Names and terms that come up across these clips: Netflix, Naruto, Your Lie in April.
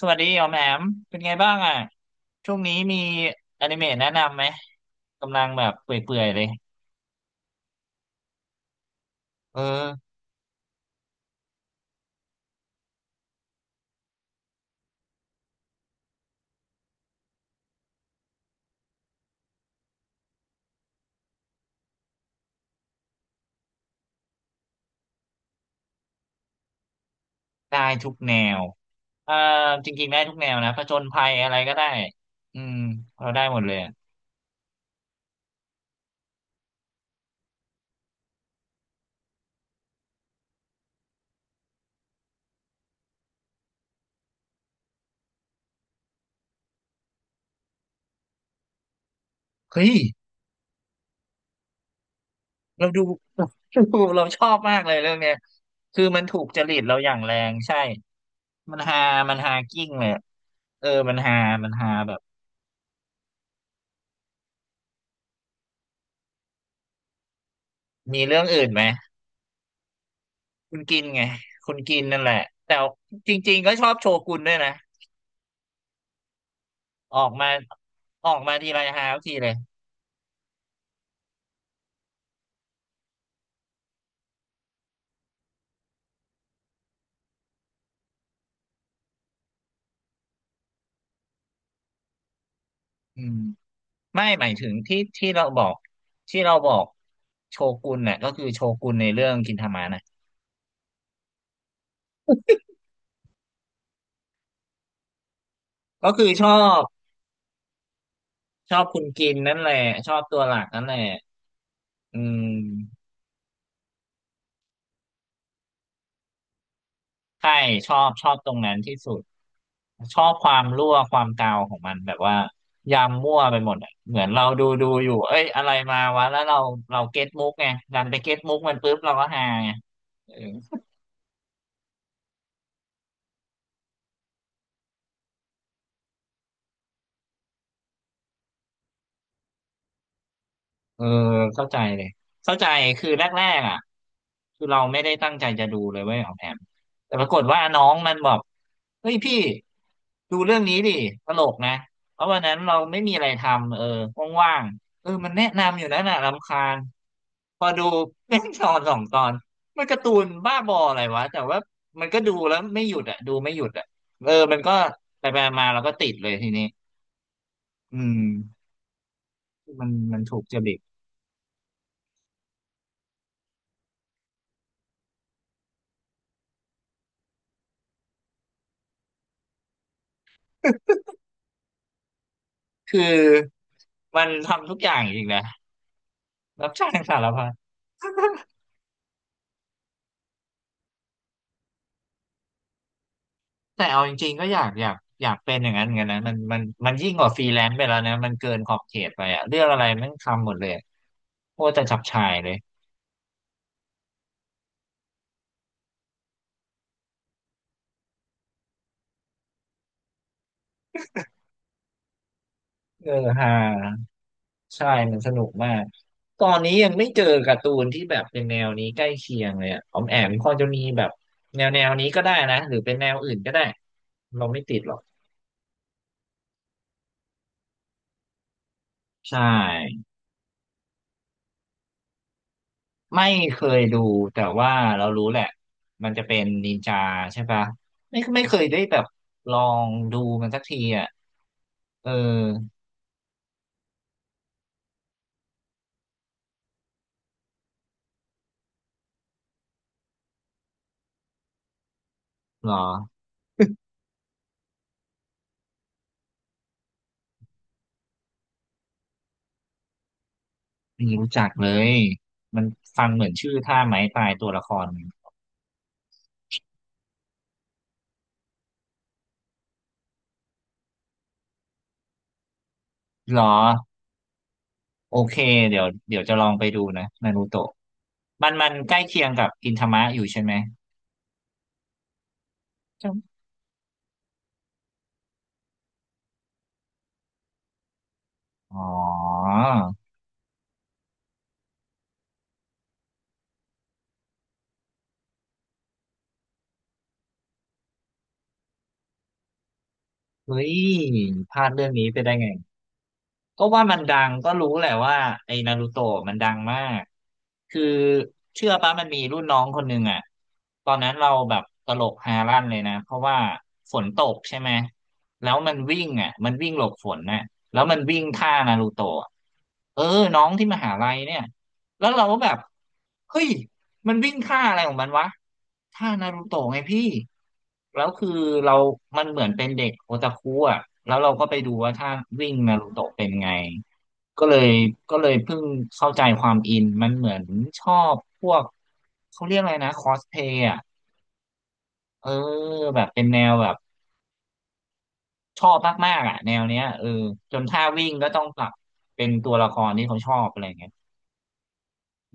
สวัสดีอ๋อมแหมมเป็นไงบ้างอ่ะช่วงนี้มีอนิเมะแนะนำไหมกำลังแบบเปื่อยๆเลยเออได้ทุกแนวเอ่อจริงๆได้ทุกแนวนะผจญภัยอะไรก็ได้อืมเราได้หมดเลยอะเฮ้ยเราดู ดูเราชอบมากเลยเรื่องเนี้ยคือมันถูกจริตเราอย่างแรงใช่มันฮามันฮากิ้งเลยอะเออมันฮามันฮาแบบมีเรื่องอื่นไหมคุณกินไงคุณกินนั่นแหละแต่จริงๆก็ชอบโชกุนด้วยนะ ออกมาออกมาทีไรฮาทุกทีเลยอืมไม่หมายถึงที่ที่เราบอกที่เราบอกโชกุนน่ะก็คือโชกุนในเรื่องกินทามะน่ะก็คือชอบชอบคุณกินนั่นแหละชอบตัวหลักนั่นแหละอืมใช่ชอบชอบตรงนั้นที่สุดชอบความรั่วความกาวของมันแบบว่ายำมั่วไปหมดอะเหมือนเราดูดูอยู่เอ้ยอะไรมาวะแล้วเราเราเก็ตมุกไงดันไปเก็ตมุกมันปุ๊บเราก็ฮาไง เออเข้าใจเลยเข้าใจคือแรกๆอ่ะคือเราไม่ได้ตั้งใจจะดูเลยเว้ยของแอมแต่ปรากฏว่าน้องมันบอกเฮ้ยพี่ดูเรื่องนี้ดิตลกนะเพราะวันนั้นเราไม่มีอะไรทำเออว่างๆเออมันแนะนำอยู่นั่นน่ะรำคาญพอดู เป็นตอนสองตอนมันการ์ตูนบ้าบออะไรวะแต่ว่ามันก็ดูแล้วไม่หยุดอ่ะดูไม่หยุดอ่ะเออมันก็ไปๆมาๆเราก็ติดเลยทีนี้อืมมันถูกจริต คือมันทำทุกอย่างอีกนะรับจ้างสารพัดแต่เอาจริงๆก็อยากอยากอยากเป็นอย่างนั้นเหมือนกันนะมันยิ่งกว่าฟรีแลนซ์ไปแล้วนะมันเกินขอบเขตไปอะเรื่องอะไรมันทำหมดเลยอะโคตรจะจับฉ่ายเลยเออฮาใช่มันสนุกมากตอนนี้ยังไม่เจอการ์ตูนที่แบบเป็นแนวนี้ใกล้เคียงเลยอะออมแอมพอจะมีแบบแนวนี้ก็ได้นะหรือเป็นแนวอื่นก็ได้เราไม่ติดหรอกใช่ ไม่เคยดูแต่ว่าเรารู้แหละมันจะเป็นนินจาใช่ปะไม่ไม่เคยได้แบบลองดูมันสักทีอ่ะเออเหรอไม่รู้จักเลยมันฟังเหมือนชื่อท่าไม้ตายตัวละครเหรอโอเคเดี๋ยวเดี๋ยวจะลองไปดูนะนารูโตะมันใกล้เคียงกับอินทามะอยู่ใช่ไหมจ้่อ๋อเฮ้ยพลาดเรื่องนี้ไปได้ไง ก็ว่ามันดังก็รู้แหละว่าไอ้นารูโตะมันดังมากคือเชื่อปะมันมีรุ่นน้องคนหนึ่งอ่ะตอนนั้นเราแบบตลกฮาลั่นเลยนะเพราะว่าฝนตกใช่ไหมแล้วมันวิ่งอ่ะมันวิ่งหลบฝนน่ะแล้วมันวิ่งท่านารูโตะเออน้องที่มหาลัยเนี่ยแล้วเราก็แบบเฮ้ย มันวิ่งท่าอะไรของมันวะท่านารูโตะไงพี่แล้วคือเรามันเหมือนเป็นเด็กโอตาคุอ่ะแล้วเราก็ไปดูว่าถ้าวิ่งนารูโตะเป็นไงก็เลยก็เลยเพิ่งเข้าใจความอินมันเหมือนชอบพวกเขาเรียกอะไรนะคอสเพย์อ่ะเออแบบเป็นแนวแบบชอบมากๆอ่ะแนวเนี้ยเออจนท่าวิ่งก็ต้องปรับเป็นตัวละครที่เขาชอบอะไรเงี้ย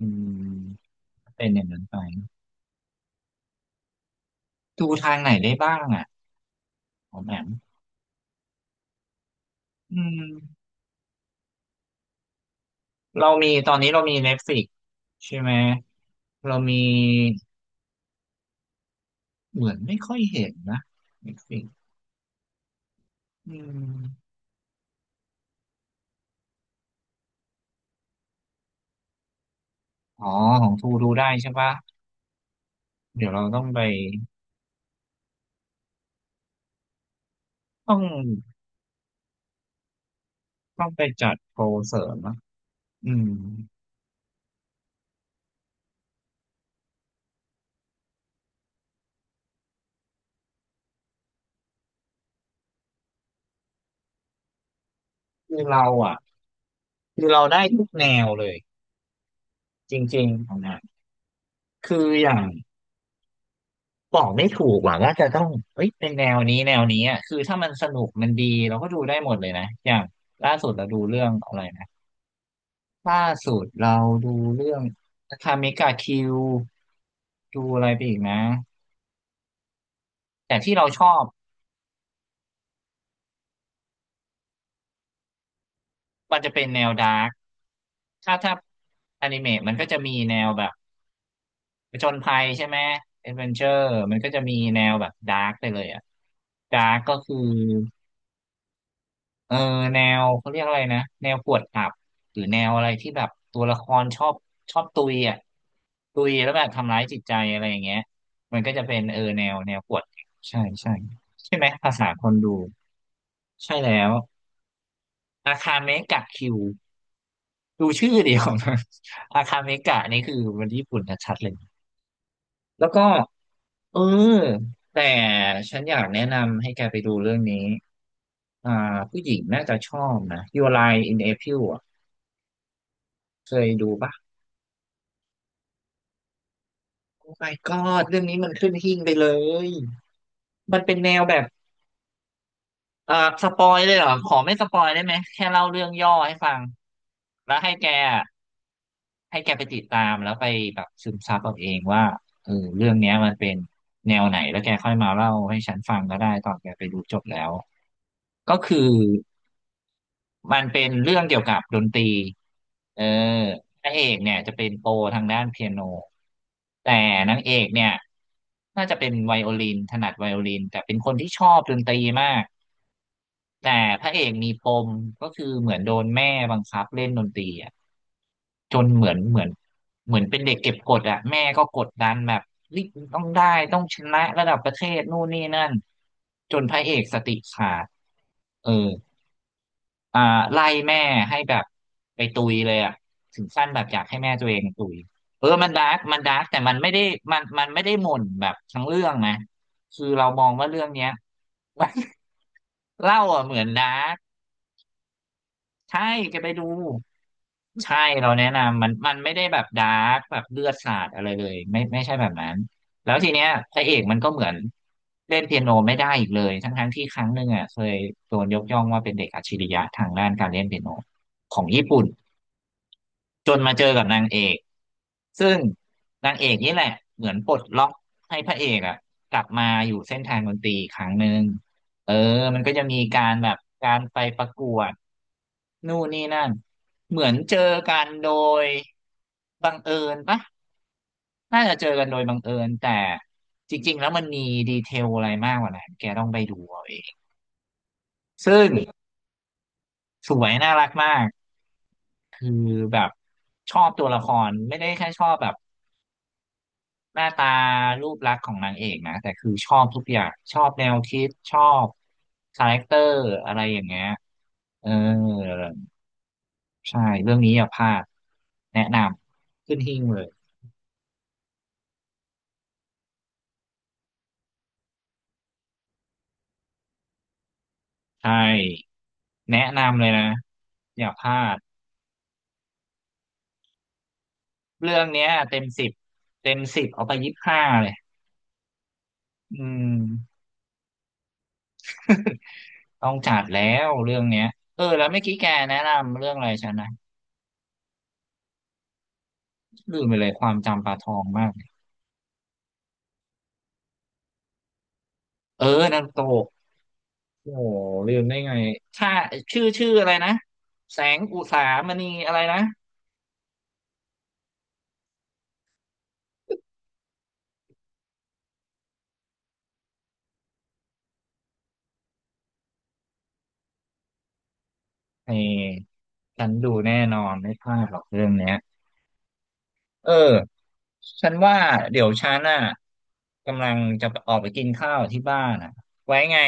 อืมเป็นอย่างนั้นไปดูทางไหนได้บ้างอ่ะผมแอมอืม เรามีตอนนี้เรามี Netflix ใช่ไหมเรามีเหมือนไม่ค่อยเห็นนะ Netflix อืมอ๋อของทูดูได้ใช่ปะเดี๋ยวเราต้องไปต้องไปจัดโปรเสริมนะอืมคือเราอ่ะคือเราได้ทุกแนวเลยจริงๆของนะคืออย่างบอกไม่ถูกว่าจะต้องเอ้ยเป็นแนวนี้แนวนี้อ่ะคือถ้ามันสนุกมันดีเราก็ดูได้หมดเลยนะอย่างล่าสุดเราดูเรื่องอะไร ล่าสุดเราดูเรื่องคาเมกาคิวดูอะไรไปอีกนะแต่ที่เราชอบมันจะเป็นแนวดาร์กถ้าอนิเมะมันก็จะมีแนวแบบผจญภัยใช่ไหมเอดเวนเจอร์มันก็จะมีแนวแบบดาร์กไปเลยอะดาร์กก็คือ เออแนวเขาเรียกอะไรนะแนวกวดขับหรือแนวอะไรที่แบบตัวละครชอบชอบตุยอ่ะตุยแล้วแบบทำร้ายจิตใจอะไรอย่างเงี้ยมันก็จะเป็นเออแนวกวดขับใช่ใช่ใช่ไหมภาษาคนดูใช่แล้วอาคาเมกะคิวดูชื่อเดียวนะอาคาเมกะนี่คือมันญี่ปุ่นชัดๆเลยแล้วก็เออแต่ฉันอยากแนะนำให้แกไปดูเรื่องนี้อ่าผู้หญิงน่าจะชอบนะ Your Lie in April อ่ะเคยดูปะ โอ้ my god เรื่องนี้มันขึ้นหิ้งไปเลยมันเป็นแนวแบบเอ่าสปอยเลยเหรอขอไม่สปอยได้ไหมแค่เล่าเรื่องย่อให้ฟังแล้วให้แกอะให้แกไปติดตามแล้วไปแบบซึมซับเอาเองว่าเออเรื่องเนี้ยมันเป็นแนวไหนแล้วแกค่อยมาเล่าให้ฉันฟังก็ได้ตอนแกไปดูจบแล้วก็คือ มันเป็นเรื่องเกี่ยวกับดนตรีเออพระเอกเนี่ยจะเป็นโปรทางด้านเปียโนแต่นางเอกเนี่ยน่าจะเป็นไวโอลินถนัดไวโอลินแต่เป็นคนที่ชอบดนตรีมาก แต่พระเอกมีปมก็คือเหมือนโดนแม่บังคับเล่นดนตรีอ่ะจนเหมือนเหมือนเป็นเด็กเก็บกดอ่ะแม่ก็กดดันแบบรีบต้องได้ต้องชนะระดับประเทศนู่นนี่นั่นจนพระเอกสติขาดเออ อ่าไล่แม่ให้แบบไปตุยเลยอ่ะถึงขั้นแบบอยากให้แม่ตัวเองตุยเออมันดาร์กมันดาร์กแต่มันไม่ได้มันไม่ได้หม่นแบบทั้งเรื่องนะคือเรามองว่าเรื่องเนี้ย เล่าอ่ะเหมือนดาร์กใช่แกไปดู ใช่เราแนะนำมันไม่ได้แบบดาร์กแบบเลือดสาดอะไรเลยไม่ใช่แบบนั้นแล้วทีเนี้ยพระเอกมันก็เหมือนเล่นเปียโนไม่ได้อีกเลยทั้งที่ครั้งหนึ่งอ่ะเคยโดนยกย่องว่าเป็นเด็กอัจฉริยะทางด้านการเล่นเปียโนของญี่ปุ่น จนมาเจอกับนางเอกซึ่งนางเอกนี่แหละเหมือนปลดล็อกให้พระเอกอะกลับมาอยู่เส้นทางดนตรีอีกครั้งหนึ่งเออมันก็จะมีการแบบการไปประกวดนู่นนี่นั่นเหมือนเจอกันโดยบังเอิญปะน่าจะเจอกันโดยบังเอิญแต่จริงๆแล้วมันมีดีเทลอะไรมากกว่านั้นแกต้องไปดูเอาเองซึ่งสวยน่ารักมากคือแบบชอบตัวละครไม่ได้แค่ชอบแบบ หน้าตารูปลักษณ์ของนางเอกนะแต่คือชอบทุกอย่างชอบแนวคิดชอบคาแรคเตอร์อะไรอย่างเงี้ยเออใช่เรื่องนี้อย่าพลาดแนะนำขึ้นหิ้งเลยใช่แนะนำเลยนะอย่าพลาดเรื่องเนี้ยเต็มสิบเต็มสิบเอาไปยี่สิบห้าเลยอืมต้องจัดแล้วเรื่องเนี้ยเออแล้วเมื่อกี้แกแนะนำเรื่องอะไรฉันนะลืมไปเลยความจำปลาทองมากเออนารโต โอ้โหลืมได้ไงค่าชื่ออะไรนะแสงอุสามณีอะไรนะเออฉันดูแน่นอนไม่พลาดหรอกเรื่องเนี้ยเออฉันว่าเดี๋ยวฉันน่ะกำลังจะออกไปกินข้าวที่บ้านอ่ะไว้ไง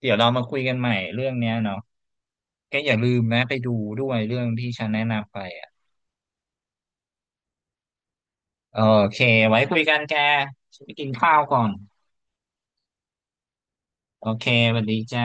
เดี๋ยวเรามาคุยกันใหม่เรื่องเนี้ยเนาะแกอย่าลืมนะไปดูด้วยเรื่องที่ฉันแนะนำไปอ่ะโอเคไว้คุยกันแกฉันไปกินข้าวก่อนโอเคสวัสดีจ้า